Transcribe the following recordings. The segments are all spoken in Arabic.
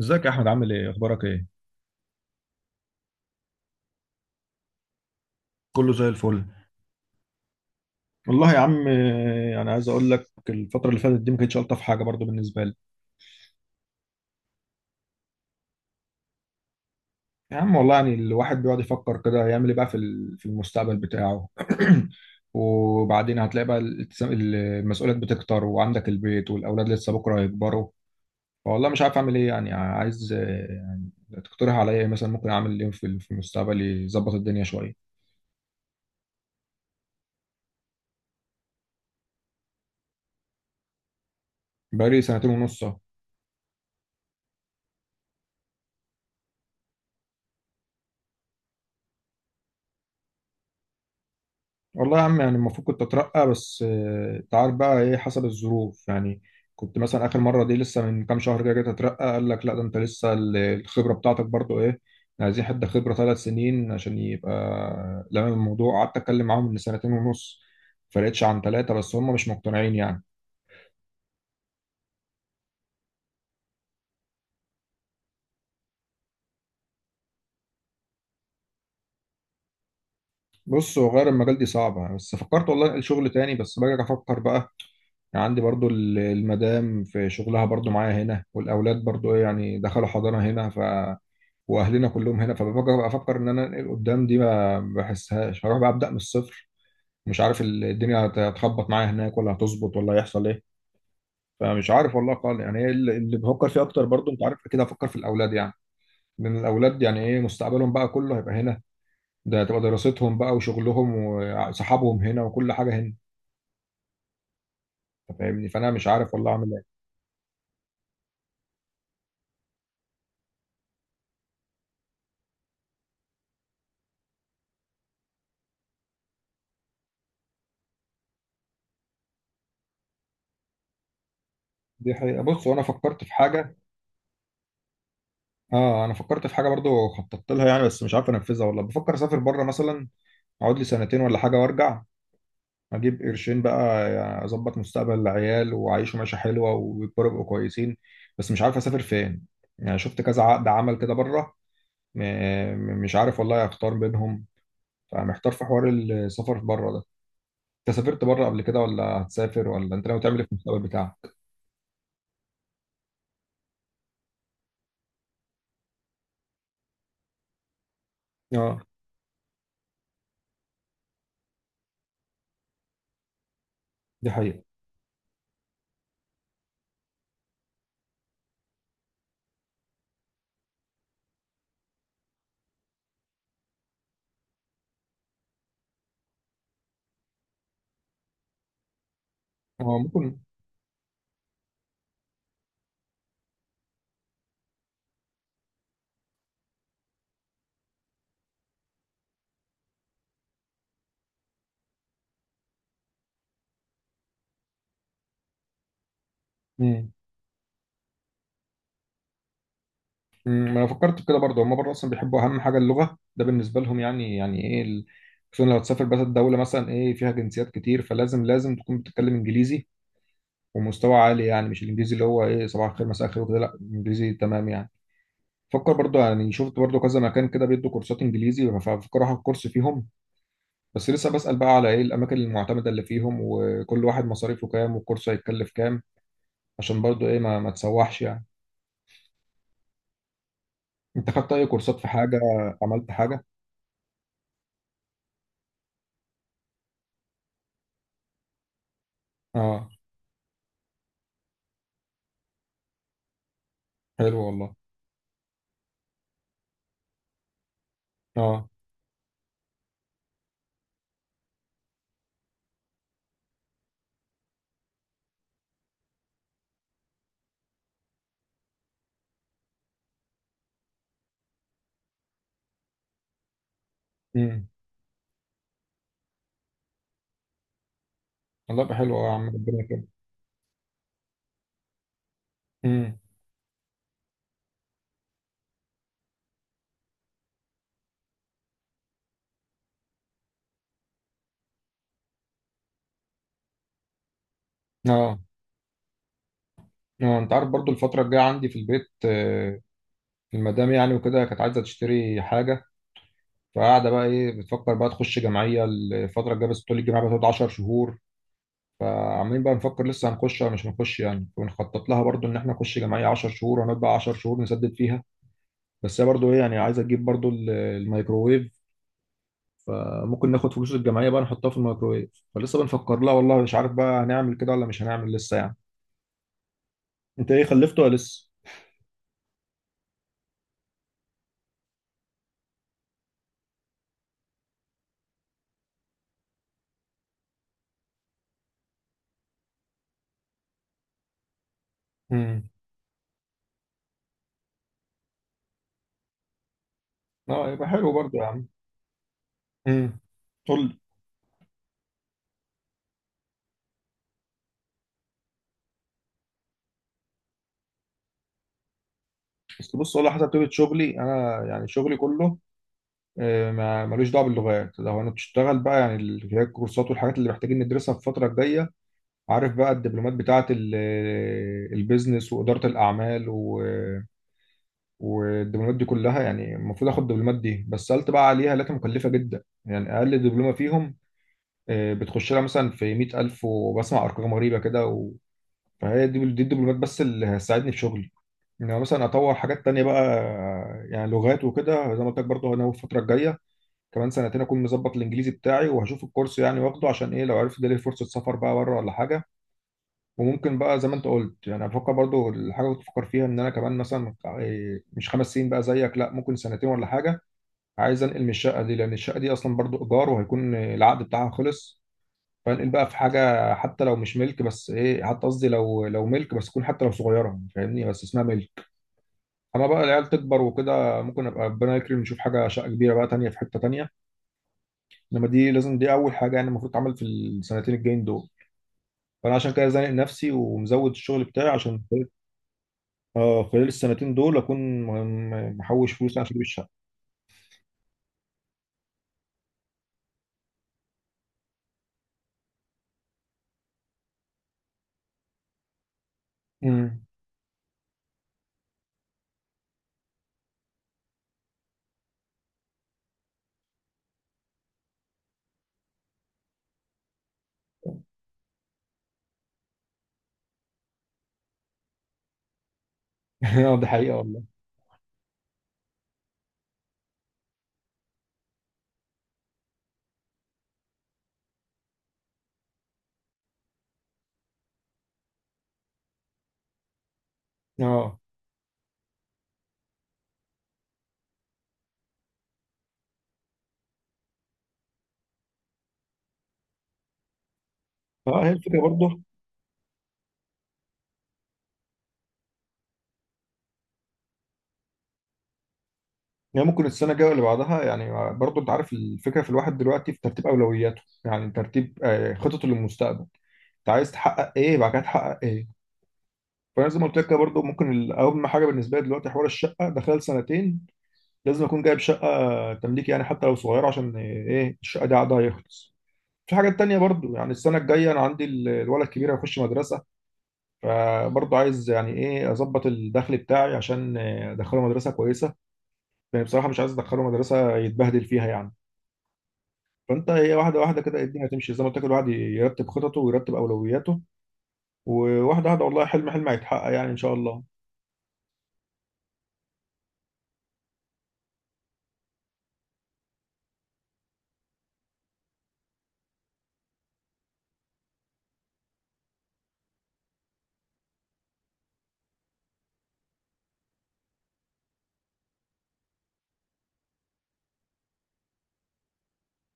ازيك يا احمد؟ عامل ايه؟ اخبارك ايه؟ كله زي الفل. والله يا عم انا عايز اقول لك الفتره اللي فاتت دي ما كانتش الطف حاجه برضو بالنسبه لي. يا عم والله يعني الواحد بيقعد يفكر كده يعمل ايه بقى في في المستقبل بتاعه. وبعدين هتلاقي بقى الالتزام المسؤوليات بتكتر، وعندك البيت والاولاد لسه بكره هيكبروا. فوالله مش عارف اعمل ايه، يعني عايز يعني تقترح عليا إيه؟ مثلا ممكن اعمل ايه في في المستقبل يظبط الدنيا شويه؟ بقالي سنتين ونص. والله يا عم يعني المفروض كنت اترقى بس انت عارف بقى ايه، حسب الظروف يعني. كنت مثلا اخر مره دي لسه من كام شهر كده جيت اترقى، قال لك لا ده انت لسه الخبره بتاعتك برضو ايه يعني، عايزين حد خبره 3 سنين عشان يبقى لمم الموضوع. قعدت اتكلم معاهم من سنتين ونص، فرقتش عن ثلاثه بس هم مش مقتنعين يعني. بص، هو غير المجال دي صعبه، بس فكرت والله انقل شغل تاني، بس باجي افكر بقى. يعني عندي برضو المدام في شغلها برضو معايا هنا، والاولاد برضو ايه يعني دخلوا حضانه هنا، واهلنا كلهم هنا. فبفكر ان انا انقل قدام، دي ما بحسهاش. هروح بقى ابدا من الصفر؟ مش عارف الدنيا هتخبط معايا هناك ولا هتظبط، ولا هيحصل ايه. فمش عارف والله خالص يعني إيه اللي بفكر فيه اكتر، برضو انت عارف كده، افكر في الاولاد يعني. لان الاولاد يعني ايه مستقبلهم بقى كله هيبقى هنا، ده هتبقى دراستهم بقى وشغلهم وصحابهم هنا وكل حاجه هنا. أنت فاهمني، فانا مش عارف والله اعمل ايه. دي حقيقة، بص وانا فكرت في حاجه. اه انا فكرت في حاجه برضو خططت لها يعني، بس مش عارف انفذها والله. بفكر اسافر بره مثلا، اقعد لي سنتين ولا حاجه وارجع، اجيب قرشين بقى يعني، اظبط مستقبل العيال وعيشوا معيشه حلوه ويكبروا يبقوا كويسين. بس مش عارف اسافر فين. يعني شفت كذا عقد عمل كده بره، م- مش عارف والله اختار بينهم. فمحتار في حوار السفر بره ده. انت سافرت بره قبل كده، ولا هتسافر، ولا انت ناوي تعمل ايه في المستقبل بتاعك؟ اه دي حقيقه. اه ممكن. امم. انا فكرت في كده برضه. هم بره اصلا بيحبوا اهم حاجه اللغه ده بالنسبه لهم يعني، يعني ايه خصوصا لو هتسافر. بس الدوله مثلا ايه فيها جنسيات كتير، فلازم تكون بتتكلم انجليزي ومستوى عالي يعني. مش الانجليزي اللي هو ايه صباح الخير مساء الخير وكده، لا انجليزي تمام يعني. فكر برضو يعني شفت برضو كذا مكان كده بيدوا كورسات انجليزي، ففكر اخد كورس فيهم. بس لسه بسأل بقى على ايه الاماكن المعتمدة اللي فيهم، وكل واحد مصاريفه كام، والكورس هيتكلف كام، عشان برضو ايه ما تسوحش يعني. انت خدت اي كورسات في حاجة؟ عملت حاجة؟ اه حلو والله. اه. امم. والله يبقى حلو أوي يا عم، ربنا يكرمك. امم. اه. اه انت عارف برضو الفترة الجاية عندي في البيت المدام يعني وكده كانت عايزة تشتري حاجة. فقاعده بقى ايه بتفكر بقى تخش جمعيه الفتره الجايه، بس طول الجامعه بتقعد 10 شهور. فعمالين بقى نفكر لسه هنخش ولا مش هنخش يعني، وبنخطط لها برضو ان احنا نخش جمعيه 10 شهور وهنقعد بقى 10 شهور نسدد فيها. بس هي برضو ايه يعني عايزه تجيب برضو الميكروويف، فممكن ناخد فلوس الجمعيه بقى نحطها في الميكروويف. فلسه بنفكر لها والله، مش عارف بقى هنعمل كده ولا مش هنعمل لسه يعني. انت ايه خلفت ولا لسه؟ امم. اه يبقى حلو برضو يا عم. امم. قول لي. بس بص والله حسب طبيعه شغلي انا، يعني شغلي كله ملوش دعوه باللغات. لو هنشتغل بقى يعني هي الكورسات والحاجات اللي محتاجين ندرسها في الفتره الجايه، عارف بقى الدبلومات بتاعه البيزنس واداره الاعمال والدبلومات دي كلها يعني. المفروض اخد الدبلومات دي، بس سالت بقى عليها لقيتها مكلفه جدا يعني. اقل دبلومه فيهم بتخش لها مثلا في 100,000، وبسمع ارقام غريبه كده و... فهي دي الدبلومات بس اللي هتساعدني في شغلي. انما مثلا اطور حاجات تانية بقى يعني لغات وكده. زي ما قلت لك برضه هناوي الفتره الجايه كمان سنتين اكون مظبط الانجليزي بتاعي، وهشوف الكورس يعني واخده عشان ايه، لو عرفت ده ليه فرصه سفر بقى بره ولا حاجه. وممكن بقى زي ما انت قلت يعني بفكر برضو الحاجه اللي كنت بفكر فيها ان انا كمان مثلا مش 5 سنين بقى زيك، لا ممكن سنتين ولا حاجه. عايز انقل من الشقه دي، لان الشقه دي اصلا برضو ايجار وهيكون العقد بتاعها خلص. فانقل بقى في حاجه حتى لو مش ملك، بس ايه حتى قصدي لو ملك، بس تكون حتى لو صغيره فاهمني، بس اسمها ملك. اما بقى العيال تكبر وكده ممكن ابقى ربنا يكرم نشوف حاجه شقه كبيره بقى تانيه في حته تانيه. انما دي لازم دي اول حاجه يعني المفروض تعمل في السنتين الجايين دول. فانا عشان كده زانق نفسي ومزود الشغل بتاعي عشان اه خلال السنتين دول اكون محوش فلوس عشان اجيب الشقه. امم. اه دي حقيقه والله. اه. فهي الفكره برضه، يعني ممكن السنه الجايه اللي بعدها يعني. برضه انت عارف الفكره في الواحد دلوقتي في ترتيب اولوياته، يعني ترتيب خططه للمستقبل. انت عايز تحقق ايه بعد كده تحقق ايه. فانا زي ما قلت لك كده برضه ممكن اهم حاجه بالنسبه لي دلوقتي حوار الشقه ده، خلال سنتين لازم اكون جايب شقه تمليك يعني حتى لو صغيره، عشان ايه الشقه دي عقدها يخلص. في حاجات تانية برضو يعني السنة الجاية أنا عندي الولد الكبير هيخش مدرسة، فبرضو عايز يعني إيه أظبط الدخل بتاعي عشان أدخله مدرسة كويسة، لأن بصراحة مش عايز أدخله مدرسة يتبهدل فيها يعني. فأنت هي واحدة واحدة كده الدنيا هتمشي، زي ما قلت لك الواحد يرتب خططه ويرتب أولوياته، وواحدة واحدة والله حلم حلم هيتحقق يعني إن شاء الله.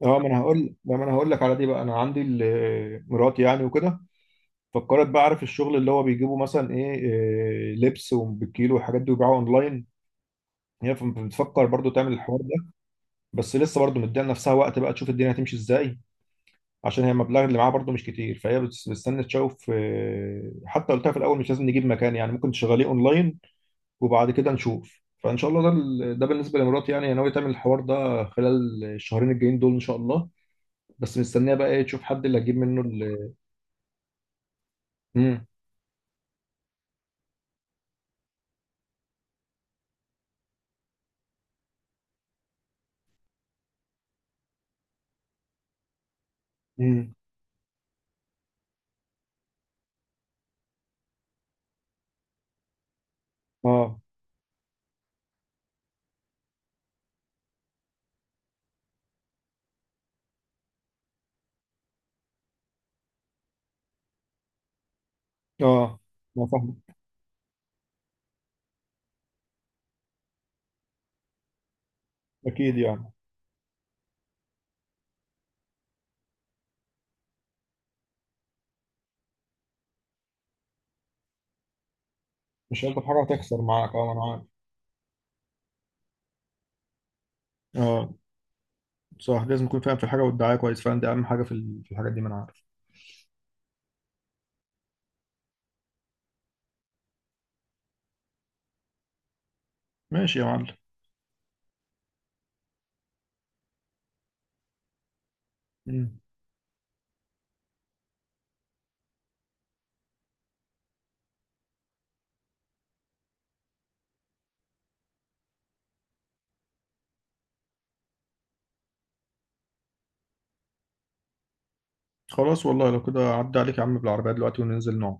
اه، ما انا هقول لك على دي بقى. انا عندي مراتي يعني وكده، فكرت بقى عارف الشغل اللي هو بيجيبه مثلا ايه لبس وبالكيلو والحاجات دي ويبيعوها اونلاين. هي بتفكر برضو تعمل الحوار ده، بس لسه برضو مديها لنفسها وقت بقى تشوف الدنيا هتمشي ازاي، عشان هي المبلغ اللي معاها برضو مش كتير. فهي بتستنى تشوف حتى قلتها في الاول مش لازم نجيب مكان يعني، ممكن تشغليه اونلاين وبعد كده نشوف. فان شاء الله ده ده بالنسبه لمراتي يعني، هي ناويه تعمل الحوار ده خلال الشهرين الجايين دول ان شاء الله، بس مستنيه بقى ايه تشوف حد اللي هتجيب منه ال. امم. امم. اه. اه ما فاهم. اكيد يعني، مش ألطف حاجة هتخسر معاك، أه أنا عارف. أه صح، لازم يكون فاهم في الحاجة والدعاية كويس، فاهم دي أهم حاجة في في الحاجات دي، ما أنا عارف. ماشي يا معلم. مم. خلاص والله، لو كده عدى عليك يا عم بالعربية دلوقتي وننزل نقعد.